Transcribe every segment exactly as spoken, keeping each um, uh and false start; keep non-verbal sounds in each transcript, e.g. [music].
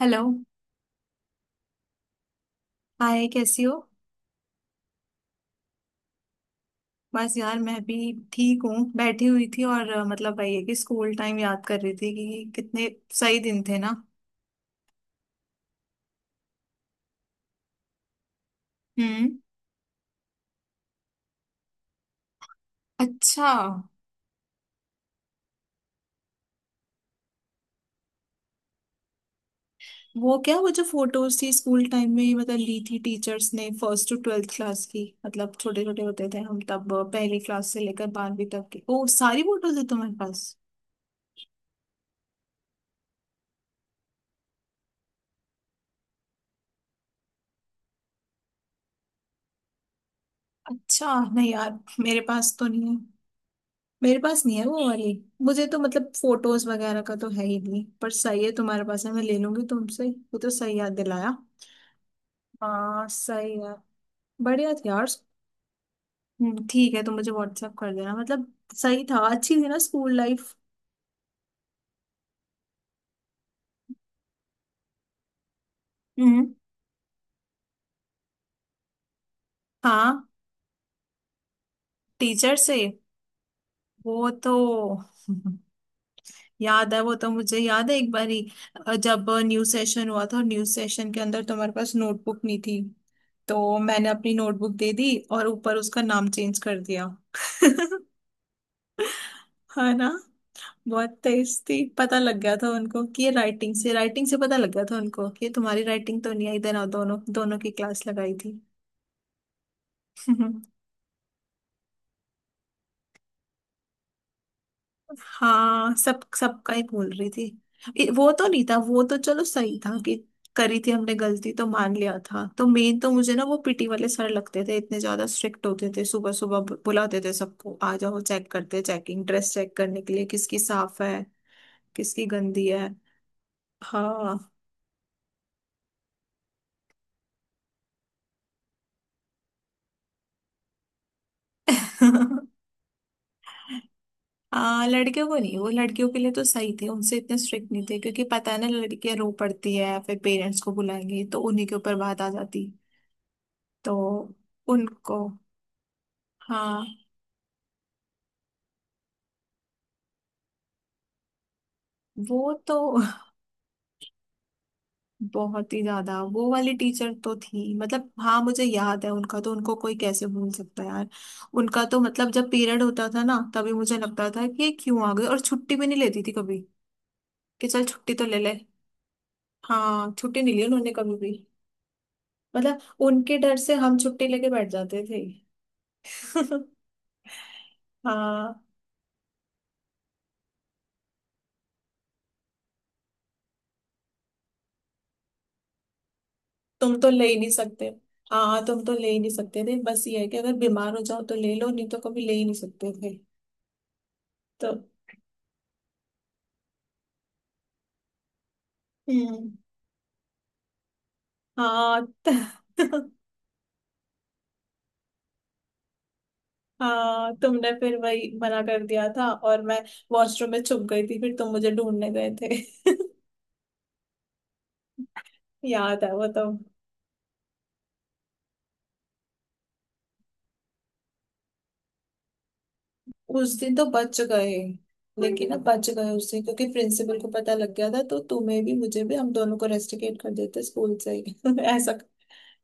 Hello. Hi, कैसी हो? बस यार, मैं भी ठीक हूँ। बैठी हुई थी और अ, मतलब वही है कि स्कूल टाइम याद कर रही थी कि कितने सही दिन थे, ना। हम्म। अच्छा। वो क्या, वो जो फोटोज थी स्कूल टाइम में मतलब ली थी टीचर्स ने फर्स्ट टू ट्वेल्थ क्लास की, मतलब छोटे छोटे होते थे हम तब। अ, पहली क्लास से लेकर बारहवीं तक की ओ सारी फोटोज है तुम्हारे पास? अच्छा, नहीं यार, मेरे पास तो नहीं है। मेरे पास नहीं है वो वाली। मुझे तो मतलब फोटोज वगैरह का तो है ही नहीं, पर सही है, तुम्हारे पास है, मैं ले लूंगी तुमसे। वो तो सही याद दिलाया। हाँ, सही है। बढ़िया थी यार। हम्म, ठीक है, तुम मुझे व्हाट्सएप कर देना। मतलब सही था, अच्छी थी ना स्कूल लाइफ। हम्म। हाँ। टीचर से। वो तो। [laughs] याद है वो तो, मुझे याद है एक बारी अ, जब न्यू सेशन हुआ था, और न्यू सेशन के अंदर तुम्हारे पास नोटबुक नहीं थी, तो मैंने अपनी नोटबुक दे दी और ऊपर उसका नाम चेंज कर दिया। [laughs] हाँ ना। बहुत तेज थी, पता लग गया था उनको कि ये राइटिंग से, राइटिंग से पता लग गया था उनको कि ये तुम्हारी राइटिंग तो नहीं। आई देना दोनों दोनों की क्लास लगाई थी। [laughs] हाँ, सब सबका ही बोल रही थी। ए, वो तो नहीं था, वो तो चलो सही था कि करी थी हमने गलती, तो मान लिया था। तो मेन तो मुझे ना वो पीटी वाले सर लगते थे, इतने ज्यादा स्ट्रिक्ट होते थे, सुबह सुबह बु- बुलाते थे सबको, आ जाओ, चेक करते, चेकिंग ड्रेस चेक करने के लिए किसकी साफ है, किसकी गंदी है। हाँ। [laughs] आ, लड़कियों को नहीं, वो लड़कियों के लिए तो सही थे, उनसे इतने स्ट्रिक्ट नहीं थे क्योंकि पता है ना लड़कियां रो पड़ती है, फिर पेरेंट्स को बुलाएंगी तो उन्हीं के ऊपर बात आ जाती। तो उनको। हाँ, वो तो। [laughs] बहुत ही ज्यादा वो वाली टीचर तो थी, मतलब हाँ, मुझे याद है उनका तो, उनको कोई कैसे भूल सकता है यार। उनका तो मतलब जब पीरियड होता था ना तभी मुझे लगता था कि ये क्यों आ गए, और छुट्टी भी नहीं लेती थी कभी कि चल छुट्टी तो ले ले। हाँ, छुट्टी नहीं ली उन्होंने कभी भी। मतलब उनके डर से हम छुट्टी लेके बैठ जाते थे। [laughs] हाँ। तुम तो ले ही नहीं सकते। हाँ, तुम तो ले ही नहीं सकते थे, बस ये है कि अगर बीमार हो जाओ तो ले लो, नहीं तो कभी ले ही नहीं सकते थे। तो। हम्म। हाँ। त- [laughs] हाँ, तुमने फिर वही मना कर दिया था और मैं वॉशरूम में छुप गई थी, फिर तुम मुझे ढूंढने गए थे। [laughs] याद है वो तो। उस दिन तो बच गए। लेकिन अब बच गए उससे, क्योंकि प्रिंसिपल को पता लग गया था तो तुम्हें भी मुझे भी, हम दोनों को रेस्टिकेट कर देते स्कूल से ही। [laughs] ऐसा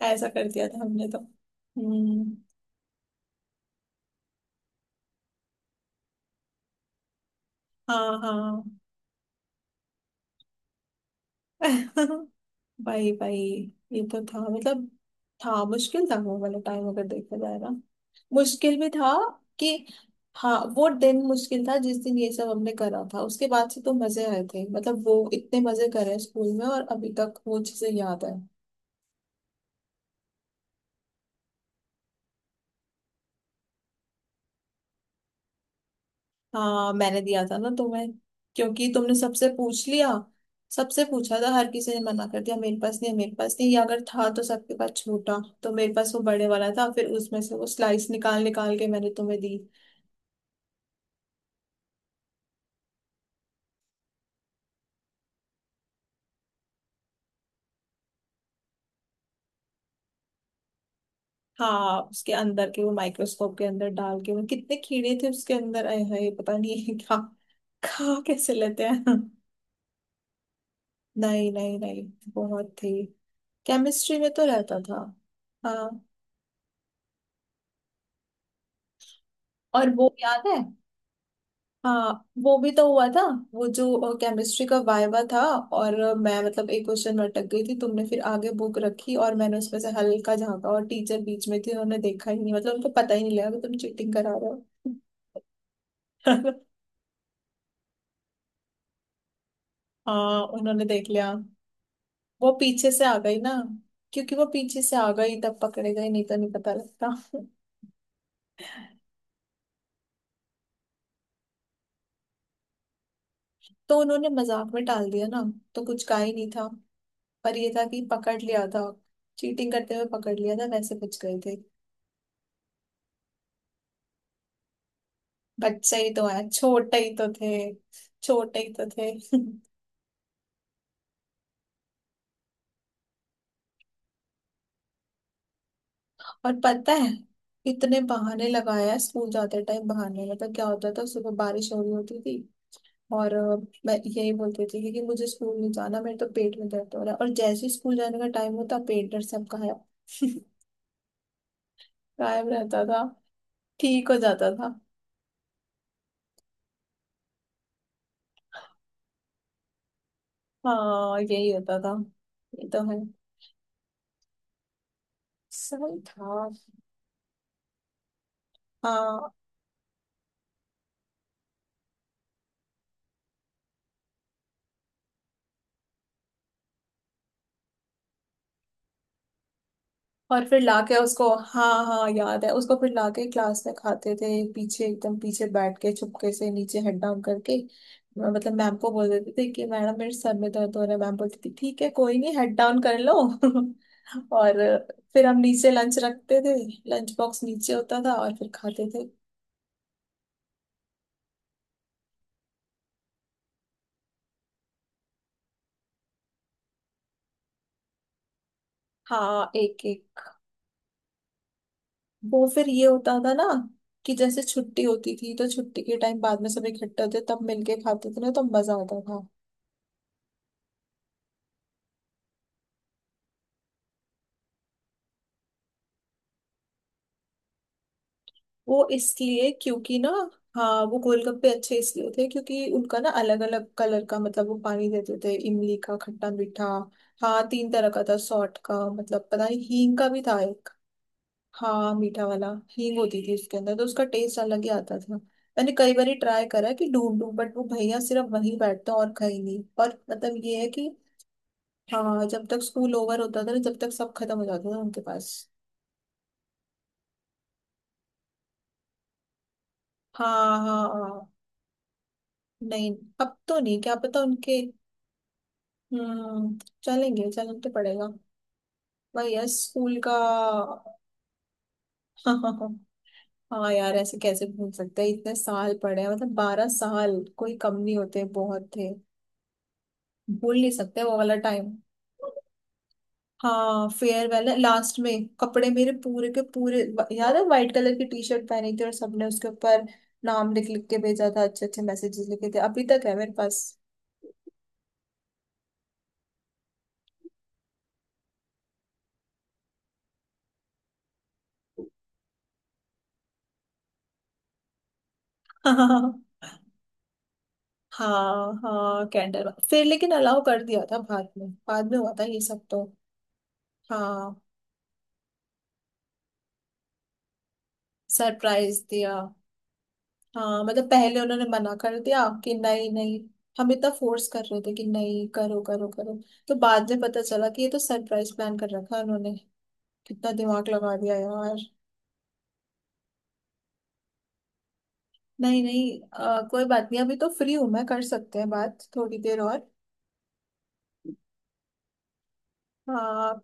ऐसा कर दिया था हमने तो। हम्म। हाँ हाँ। [laughs] भाई भाई। ये तो था, मतलब था, मुश्किल था वो वाला टाइम अगर देखा जाए ना। मुश्किल भी था कि हाँ, वो दिन मुश्किल था जिस दिन ये सब हमने करा था। उसके बाद से तो मजे आए थे, मतलब वो इतने मजे करे स्कूल में, और अभी तक वो चीजें याद है। हाँ मैंने दिया था ना तुम्हें, क्योंकि तुमने सबसे पूछ लिया। सबसे पूछा था, हर किसी ने मना कर दिया मेरे पास नहीं है, मेरे पास नहीं, ये अगर था तो सबके पास छूटा। तो मेरे पास वो बड़े वाला था, फिर उसमें से वो स्लाइस निकाल निकाल के मैंने तुम्हें दी। हाँ उसके अंदर के वो माइक्रोस्कोप के अंदर डाल के वो कितने कीड़े थे उसके अंदर आए, हाय पता नहीं [laughs] ये क्या, खा कैसे लेते हैं। [laughs] नहीं नहीं नहीं, बहुत थी। केमिस्ट्री में तो रहता था। हाँ। और वो याद है, हाँ वो भी तो हुआ था। वो जो केमिस्ट्री का वाइवा था, और अ, मैं मतलब एक क्वेश्चन में अटक गई थी, तुमने फिर आगे बुक रखी और मैंने उसमें से हल्का झाँका, और टीचर बीच में थी, उन्होंने देखा ही नहीं, मतलब उनको पता ही नहीं लगा कि तुम चीटिंग करा रहे हो। [laughs] हाँ उन्होंने देख लिया। वो पीछे से आ गई ना, क्योंकि वो पीछे से आ गई तब पकड़े गए, नहीं तो नहीं पता लगता। [laughs] तो उन्होंने मजाक में टाल दिया ना, तो कुछ का ही नहीं था, पर ये था कि पकड़ लिया था। चीटिंग करते हुए पकड़ लिया था, वैसे बच गए थे। बच्चे ही तो है, छोटे ही तो थे। छोटे ही तो थे। [laughs] और पता है, इतने बहाने लगाया है स्कूल जाते टाइम, बहाने मतलब क्या होता था, सुबह बारिश हो रही होती थी और अ, मैं यही बोलती थी कि मुझे स्कूल नहीं जाना, मेरे तो पेट में दर्द हो रहा है, और जैसे ही स्कूल जाने का टाइम होता पेट दर्द सब गायब। [laughs] गायब रहता था। ठीक हो जाता था। हाँ, यही होता था। ये तो है। सही था। हाँ और फिर लाके उसको, हाँ हाँ, याद है उसको, फिर लाके क्लास में खाते थे, पीछे एकदम पीछे बैठ के चुपके से नीचे हेड डाउन करके। मतलब मैम को बोल देते थे कि मैडम मेरे सर में दर्द हो रहा है, मैम बोलती थी ठीक है कोई नहीं हेड डाउन कर लो। [laughs] और फिर हम नीचे लंच रखते थे, लंच बॉक्स नीचे होता था और फिर खाते थे। हाँ एक एक। वो फिर ये होता था ना कि जैसे छुट्टी होती थी तो छुट्टी के टाइम बाद में सब इकट्ठे होते तब मिलके खाते थे ना, तो मजा आता। वो इसलिए क्योंकि ना, हाँ वो गोलगप्पे अच्छे इसलिए होते हैं क्योंकि उनका ना अलग अलग कलर का मतलब वो पानी देते थे, इमली का खट्टा मीठा। हाँ तीन तरह का था, सॉल्ट का, मतलब पता नहीं हींग का भी था एक। हाँ मीठा वाला। हींग होती थी उसके अंदर, तो उसका टेस्ट अलग ही आता था। मैंने कई बार ट्राई करा है कि ढूंढूं, बट वो भैया सिर्फ वहीं बैठते हैं और कहीं नहीं, और मतलब ये है कि हाँ जब तक स्कूल ओवर होता था ना, जब तक सब खत्म हो जाता था उनके पास। हाँ हाँ हाँ। नहीं, अब तो नहीं, क्या पता उनके। हम्म। चलेंगे, चलना तो पड़ेगा। भाई यार स्कूल का। [laughs] हाँ यार, ऐसे कैसे भूल सकते हैं, इतने साल पढ़े हैं, मतलब बारह साल कोई कम नहीं होते, बहुत थे। भूल नहीं सकते वो वाला टाइम। हाँ फेयरवेल है, लास्ट में कपड़े मेरे पूरे के पूरे, याद है वाइट कलर की टी शर्ट पहनी थी और सबने उसके ऊपर नाम लिख लिख के भेजा था, अच्छे अच्छे मैसेजेस लिखे थे, अभी तक है मेरे पास। [laughs] हाँ हाँ कैंडल, फिर लेकिन अलाउ कर दिया था बाद में, बाद में हुआ था ये सब तो। हाँ सरप्राइज दिया। हाँ मतलब पहले उन्होंने मना कर दिया कि नहीं नहीं, हम इतना फोर्स कर रहे थे कि नहीं करो करो करो, तो बाद में पता चला कि ये तो सरप्राइज प्लान कर रखा है उन्होंने। कितना दिमाग लगा दिया यार। नहीं नहीं, अ, कोई बात नहीं, अभी तो फ्री हूँ मैं, कर सकते हैं बात थोड़ी देर और। हाँ।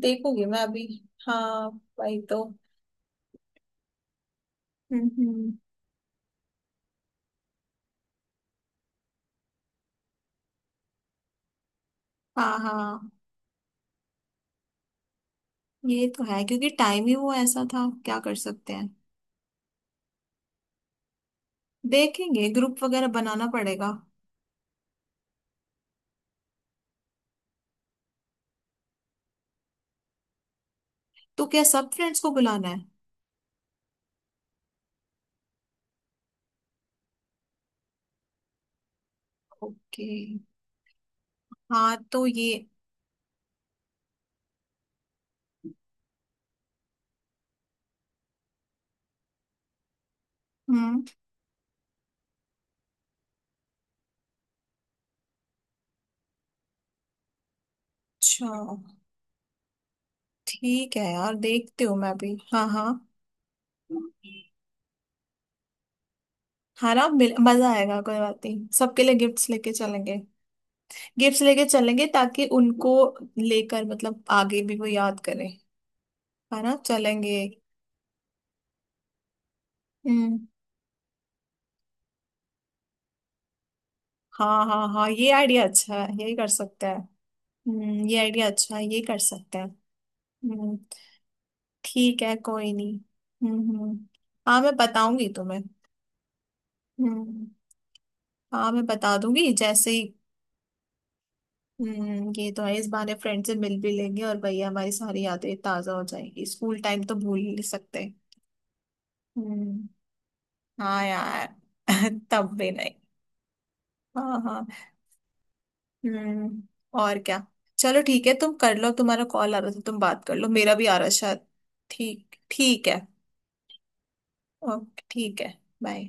देखूंगी मैं अभी। हाँ वही तो। हम्म हम्म, हाँ हाँ। ये तो है, क्योंकि टाइम ही वो ऐसा था, क्या कर सकते हैं। देखेंगे, ग्रुप वगैरह बनाना पड़ेगा। तो क्या सब फ्रेंड्स को बुलाना है? ओके। हाँ तो ये। हम्म। अच्छा। ठीक है यार, देखती हूँ मैं भी, हाँ हाँ। हाँ ना, मिल- मजा आएगा, कोई बात नहीं, सबके लिए गिफ्ट्स लेके चलेंगे। गिफ्ट्स लेके चलेंगे ताकि उनको लेकर मतलब आगे भी वो याद करें, है ना, चलेंगे। हम्म। हाँ हाँ हाँ, ये आइडिया अच्छा है, यही कर सकते हैं। हम्म, ये आइडिया अच्छा है, ये कर सकते हैं। हम्म। ठीक है, कोई नहीं। हम्म हम्म। हाँ मैं बताऊंगी तुम्हें। हम्म। हाँ मैं बता दूंगी जैसे ही। हम्म ये तो है, इस बहाने फ्रेंड से मिल भी लेंगे, और भैया हमारी सारी यादें ताजा हो जाएंगी, स्कूल टाइम तो भूल ही नहीं सकते। हम्म। हाँ यार। [laughs] तब भी नहीं। हाँ हाँ। हम्म। और क्या। चलो ठीक है, तुम कर लो, तुम्हारा कॉल आ रहा था, तुम बात कर लो, मेरा भी आ रहा है शायद। ठीक, ठीक है। ओके ठीक है, बाय।